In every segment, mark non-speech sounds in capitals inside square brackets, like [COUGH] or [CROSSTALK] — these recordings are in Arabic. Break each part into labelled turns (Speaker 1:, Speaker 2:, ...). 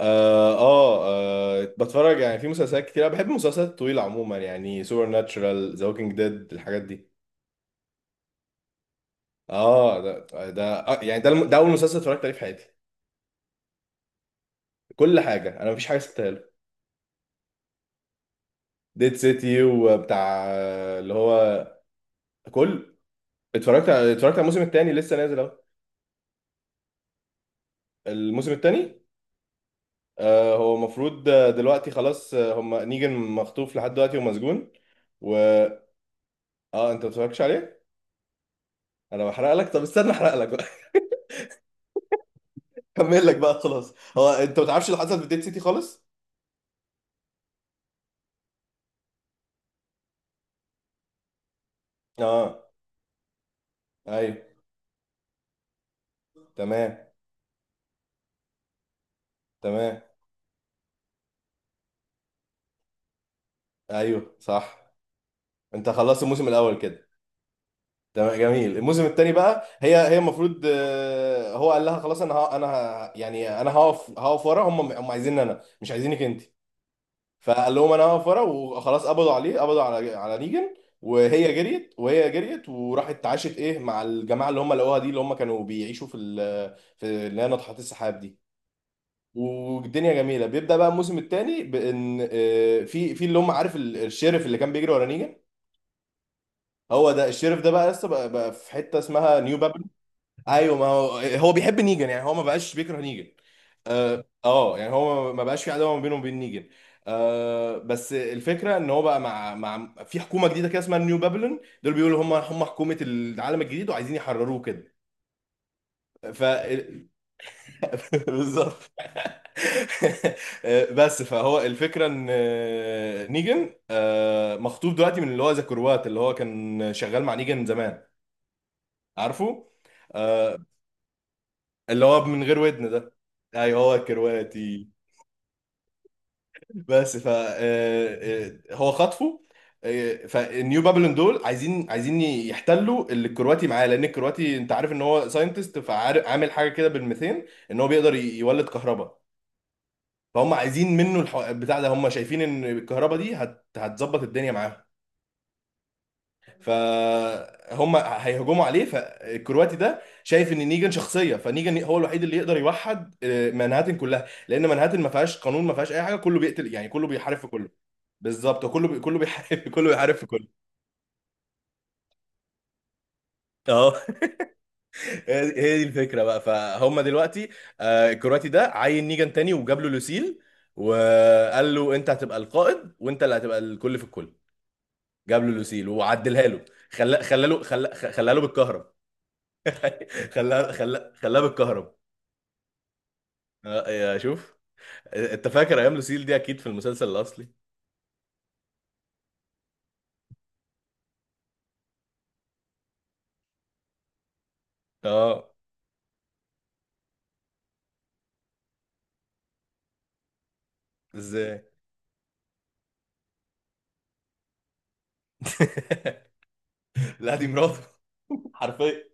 Speaker 1: آه, آه, اه بتفرج يعني في مسلسلات كتير. انا بحب المسلسلات الطويله عموما، يعني سوبر ناتشرال، ذا ووكينج ديد، الحاجات دي. اه ده آه يعني ده ده اول مسلسل اتفرجت عليه في حياتي. كل حاجه، انا مفيش حاجه سبتها له. ديد سيتي وبتاع آه، اللي هو كل. اتفرجت على اتفرجت على الموسم الثاني لسه نازل اهو. الموسم الثاني آه هو المفروض آه، دلوقتي خلاص آه، هم نيجن مخطوف لحد دلوقتي ومسجون، و. اه انت ما اتفرجتش عليه. انا بحرق لك، طب استنى احرق لك. كمل لك بقى خلاص، هو انت ما تعرفش اللي حصل في ديد سيتي خالص. اه. ايوه. تمام. تمام. ايوه صح. انت خلصت الموسم الاول كده. تمام جميل. الموسم الثاني بقى هي المفروض آه، هو قال لها خلاص انا ها انا يعني انا هقف ورا هم عايزيني انا، مش عايزينك انت. فقال لهم انا هقف ورا وخلاص. قبضوا عليه، قبضوا على نيجن. وهي جريت وراحت اتعاشت ايه مع الجماعه اللي هم لقوها دي، اللي هم كانوا بيعيشوا في اللي هي ناطحات السحاب دي. والدنيا جميله. بيبدا بقى الموسم الثاني، بان آه، في اللي هم عارف الشيرف اللي كان بيجري ورا نيجان. هو ده الشيرف ده بقى لسه بقى في حته اسمها نيو بابل. ايوه، ما هو هو بيحب نيجان، يعني هو ما بقاش بيكره نيجان. اه آه، يعني هو ما بقاش في عداوه ما بينه وبين نيجان. آه بس الفكره ان هو بقى مع في حكومه جديده كده اسمها نيو بابلون. دول بيقولوا هم حكومه العالم الجديد وعايزين يحرروه كده. ف [LAUGHS] بالظبط. [LAUGHS] بس فهو الفكره ان آه، نيجن آه، مخطوب دلوقتي من اللي هو زاكروات، اللي هو كان شغال مع نيجن زمان. عارفه آه، اللي هو من غير ودن ده. ايوه هو الكرواتي. بس ف آه، آه، هو خطفه. آه، فالنيو بابلون دول عايزين يحتلوا اللي الكرواتي معاه، لان الكرواتي انت عارف ان هو ساينتست، فعامل حاجه كده بالميثين ان هو بيقدر يولد كهرباء. فهم عايزين منه بتاع ده. هم شايفين ان الكهرباء دي هتظبط الدنيا معاهم. فهم هيهجموا عليه. فالكرواتي ده شايف ان نيجان شخصيه، فنيجان هو الوحيد اللي يقدر يوحد آه، منهاتن كلها، لان منهاتن ما فيهاش قانون، ما فيهاش اي حاجه، كله بيقتل يعني، كله بيحارب في كله. بالظبط. كله بيحارب، [LAUGHS] كله بيحارب في كله. اه. [LAUGHS] هي دي الفكره بقى فهم دلوقتي. آه، الكرواتي ده عين نيجان تاني وجاب له لوسيل، وقال له انت هتبقى القائد، وانت اللي هتبقى الكل في الكل. جاب له لوسيل وعدلها له. خلا له بالكهرب. خلاه بالكهرب. آه، يا شوف. انت فاكر ايام لوسيل دي اكيد في المسلسل الاصلي. اه. ازاي؟ [LAUGHS] لا دي مراته حرفيا.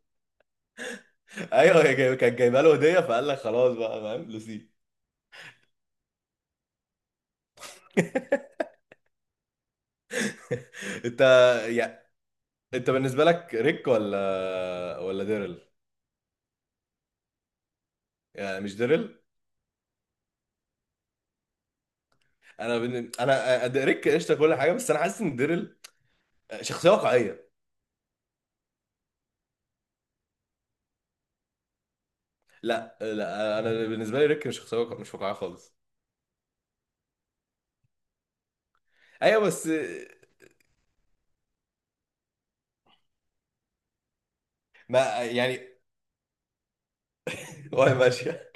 Speaker 1: ايوه، هي كانت جايبه له هديه، فقال لك خلاص بقى، فاهم لوسيل. [LAUGHS] انت يا انت، بالنسبه لك ريك ولا ديرل؟ يعني مش ديرل. انا بن... انا أ- ريك قشطه كل حاجه، بس انا حاسس ان ديرل شخصيه واقعيه. لا لا، انا بالنسبه لي ريك مش شخصيه، مش واقعيه خالص. ايوه بس ما يعني، وهي ماشيه.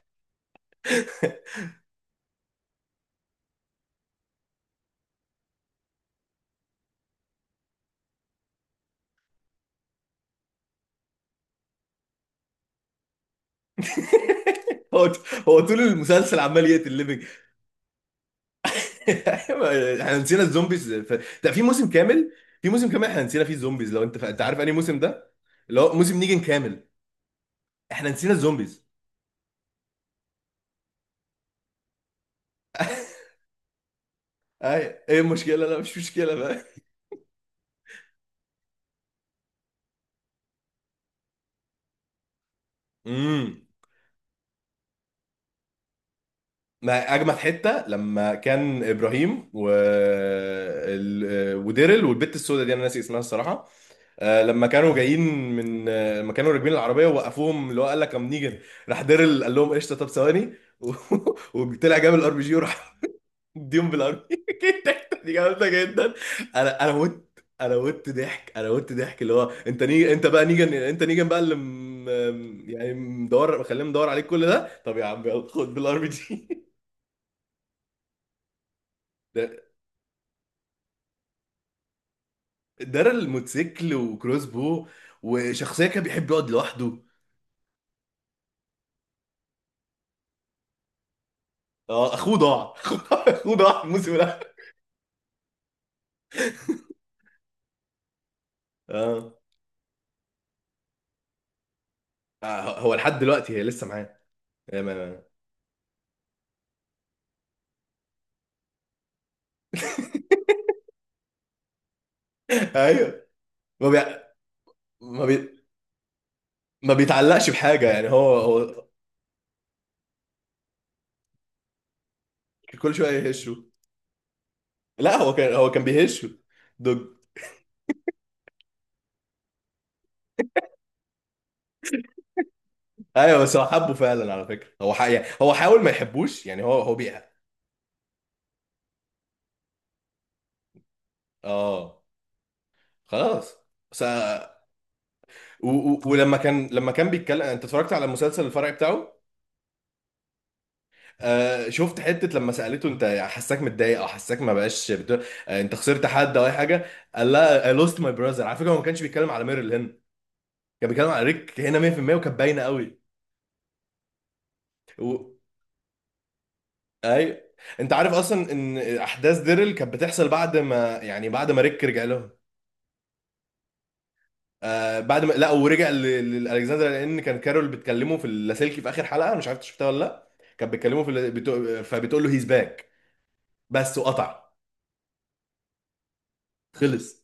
Speaker 1: [LAUGHS] هو هو طول المسلسل عمال يقتل ليفنج. [LAUGHS] احنا نسينا الزومبيز ده في موسم كامل. في موسم كامل احنا نسينا فيه الزومبيز. لو انت انت عارف انهي موسم ده، اللي هو موسم نيجن كامل، احنا نسينا الزومبيز. اي ايه المشكله؟ لا مش مشكله بقى. امم. ما اجمد حته لما كان ابراهيم و وديرل والبت السوداء دي، انا ناسي اسمها الصراحه، آه، لما كانوا جايين من آه، لما كانوا راكبين العربيه ووقفوهم، اللي هو قال لك كم نيجن. راح ديرل قال لهم قشطه، طب ثواني، و- [LAUGHS] وطلع جاب الار بي جي وراح. [LAUGHS] مديهم بالار بي جي. [LAUGHS] دي جامده جدا. انا مت. انا مت ضحك. اللي هو انت نيجن، انت بقى نيجن، انت نيجن بقى اللي يعني مدور مخليهم مدور عليك كل ده، طب يا عم يلا خد بالار بي جي. [LAUGHS] ده ديرل موتوسيكل وكروس بو، وشخصيه كان بيحب يقعد لوحده. اه، اخوه ضاع، [LAUGHS] اخوه ضاع، اخوه ضاع الموسم. اه آه، هو لحد دلوقتي هي لسه معاه. هي ما... ما- [LAUGHS] ايوه. ما بي... ما بي... ما بيتعلقش بحاجه يعني، هو كل شويه يهشه. لا، هو كان، هو كان بيهشه. دوج. ايوه بس هو حبه فعلا على فكره. يعني هو حاول ما يحبوش، يعني هو هو بيها. اه خلاص. بس ولما كان لما كان بيتكلم، انت اتفرجت على المسلسل الفرعي بتاعه؟ آه شفت حتة لما سألته انت حساك متضايق او حساك ما بقاش آه انت خسرت حد او اي حاجة. قال لها I lost my brother. على فكرة هو ما كانش بيتكلم على ميرل هنا، كان بيتكلم على ريك هنا 100%، وكانت باينة قوي. و... اي انت عارف اصلا ان احداث ديرل كانت بتحصل بعد ما يعني بعد ما ريك رجع لهم. آه بعد ما لا ورجع لالكسندر، لان كان كارول بتكلمه في اللاسلكي في اخر حلقة. انا مش عارف إنت شفتها ولا لا. كان بيتكلمه في فبتقول له هيز باك. بس وقطع. خلص.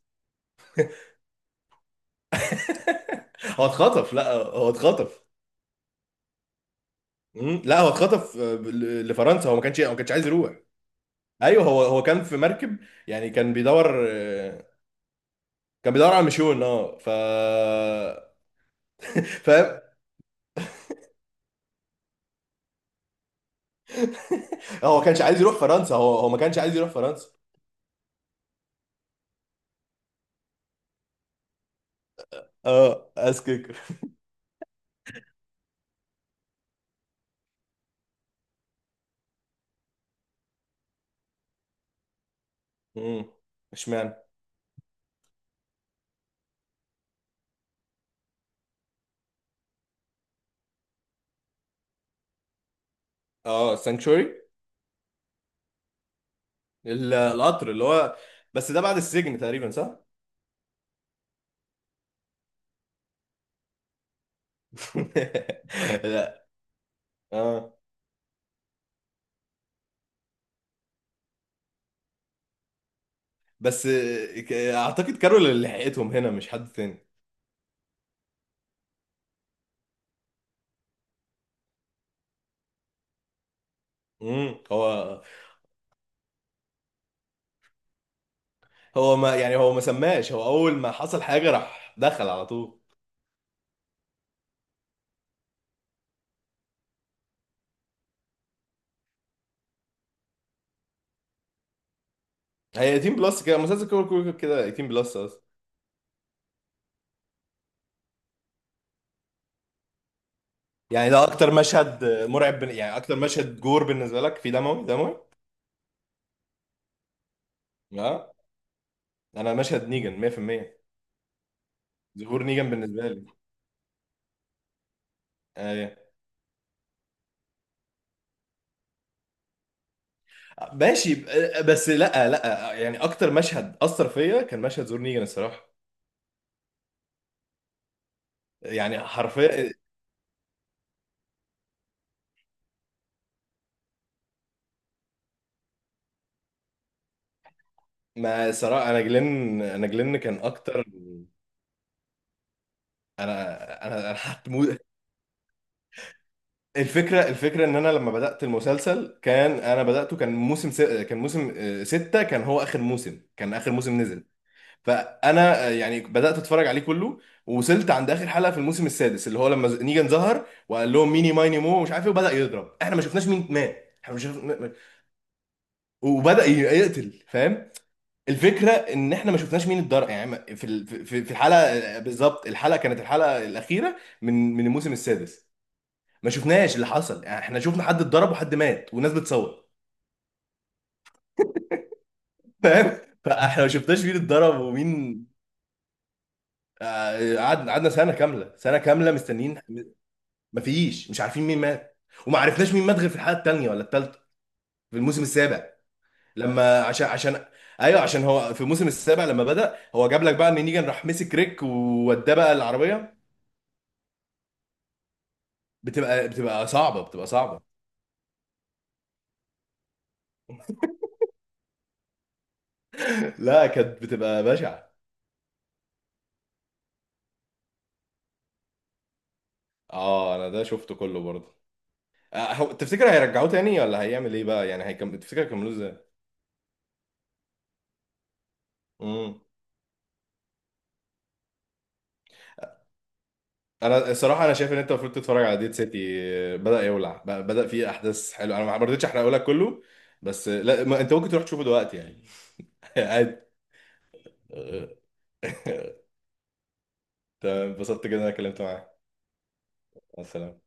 Speaker 1: هو اتخطف، لا هو اتخطف. مم. لا هو اتخطف آه، لفرنسا. هو ما كانش عايز يروح. ايوه، هو هو كان في مركب. يعني كان بيدور آه، كان بيدور على مشون. اه ف، فاهم. [LAUGHS] هو ما كانش عايز يروح فرنسا، هو ما كانش عايز يروح فرنسا. اه اسكيكر. امم. اشمعنى؟ اه سانكشوري. القطر اللي هو. بس ده بعد السجن تقريبا، صح. [LAUGHS] لا. اه بس آه، اعتقد كارول اللي لحقتهم هنا، مش حد تاني. امم. هو هو ما يعني، هو ما سماش. هو اول ما حصل حاجه راح دخل على طول. هي 18 بلس كده مسلسل، كده كده كده 18 بلس اصلا. يعني ده اكتر مشهد مرعب يعني اكتر مشهد جور بالنسبه لك، في دموي دموي. اه، انا مشهد نيجان 100%، ظهور نيجان بالنسبه لي. ايوه ماشي بس لا لا، يعني اكتر مشهد اثر فيا كان مشهد ظهور نيجان الصراحه، يعني حرفيا. ما صراحه انا جلن، انا جلن كان اكتر. انا هتموت. الفكرة ان انا لما بدأت المسلسل، كان انا بدأته كان كان موسم آه، 6، كان هو اخر موسم، كان اخر موسم نزل. فانا آه، يعني بدأت اتفرج عليه كله، ووصلت عند اخر حلقة في الموسم السادس، اللي هو لما نيجان ظهر وقال لهم ميني مايني مو مش عارف ايه، وبدأ يضرب. احنا ما شفناش مين مات، احنا ما شفنا وبدأ يقتل، فاهم. الفكرة ان احنا ما شفناش مين اتضرب يعني، ما- في ال- في في- في الحلقة آه، بالظبط الحلقة كانت الحلقة الأخيرة من من الموسم السادس. ما شفناش اللي حصل يعني، احنا شفنا حد اتضرب وحد مات والناس بتصور، فاهم. فاحنا ما شفناش مين اتضرب ومين. آه، قعدنا سنه كامله، سنه كامله مستنيين. مفيش، مش عارفين مين مات. وما عرفناش مين مات غير في الحلقه الثانية ولا الثالثة في الموسم السابع. لما عشان ايوه، عشان هو في الموسم السابع لما بدأ، هو جاب لك بقى ان نيجان راح مسك ريك ووداه بقى العربيه. بتبقى صعبه بتبقى صعبه. لا كانت بتبقى بشعه. اه انا ده شفته كله برضه. آه، هو تفتكر هيرجعوه تاني ولا هيعمل ايه بقى، يعني هيكمل؟ تفتكر هيكملوه ازاي؟ امم. انا الصراحه انا شايف ان انت المفروض تتفرج على ديد سيتي. آه، بدا فيه احداث حلوه. انا ما رضيتش احرقه لك كله. بس آه، لا ما انت ممكن تروح تشوفه دلوقتي يعني. [LAUGHS] عادي. آه، تمام اتبسطت جدا إن انا اتكلمت معاك. مع السلامه.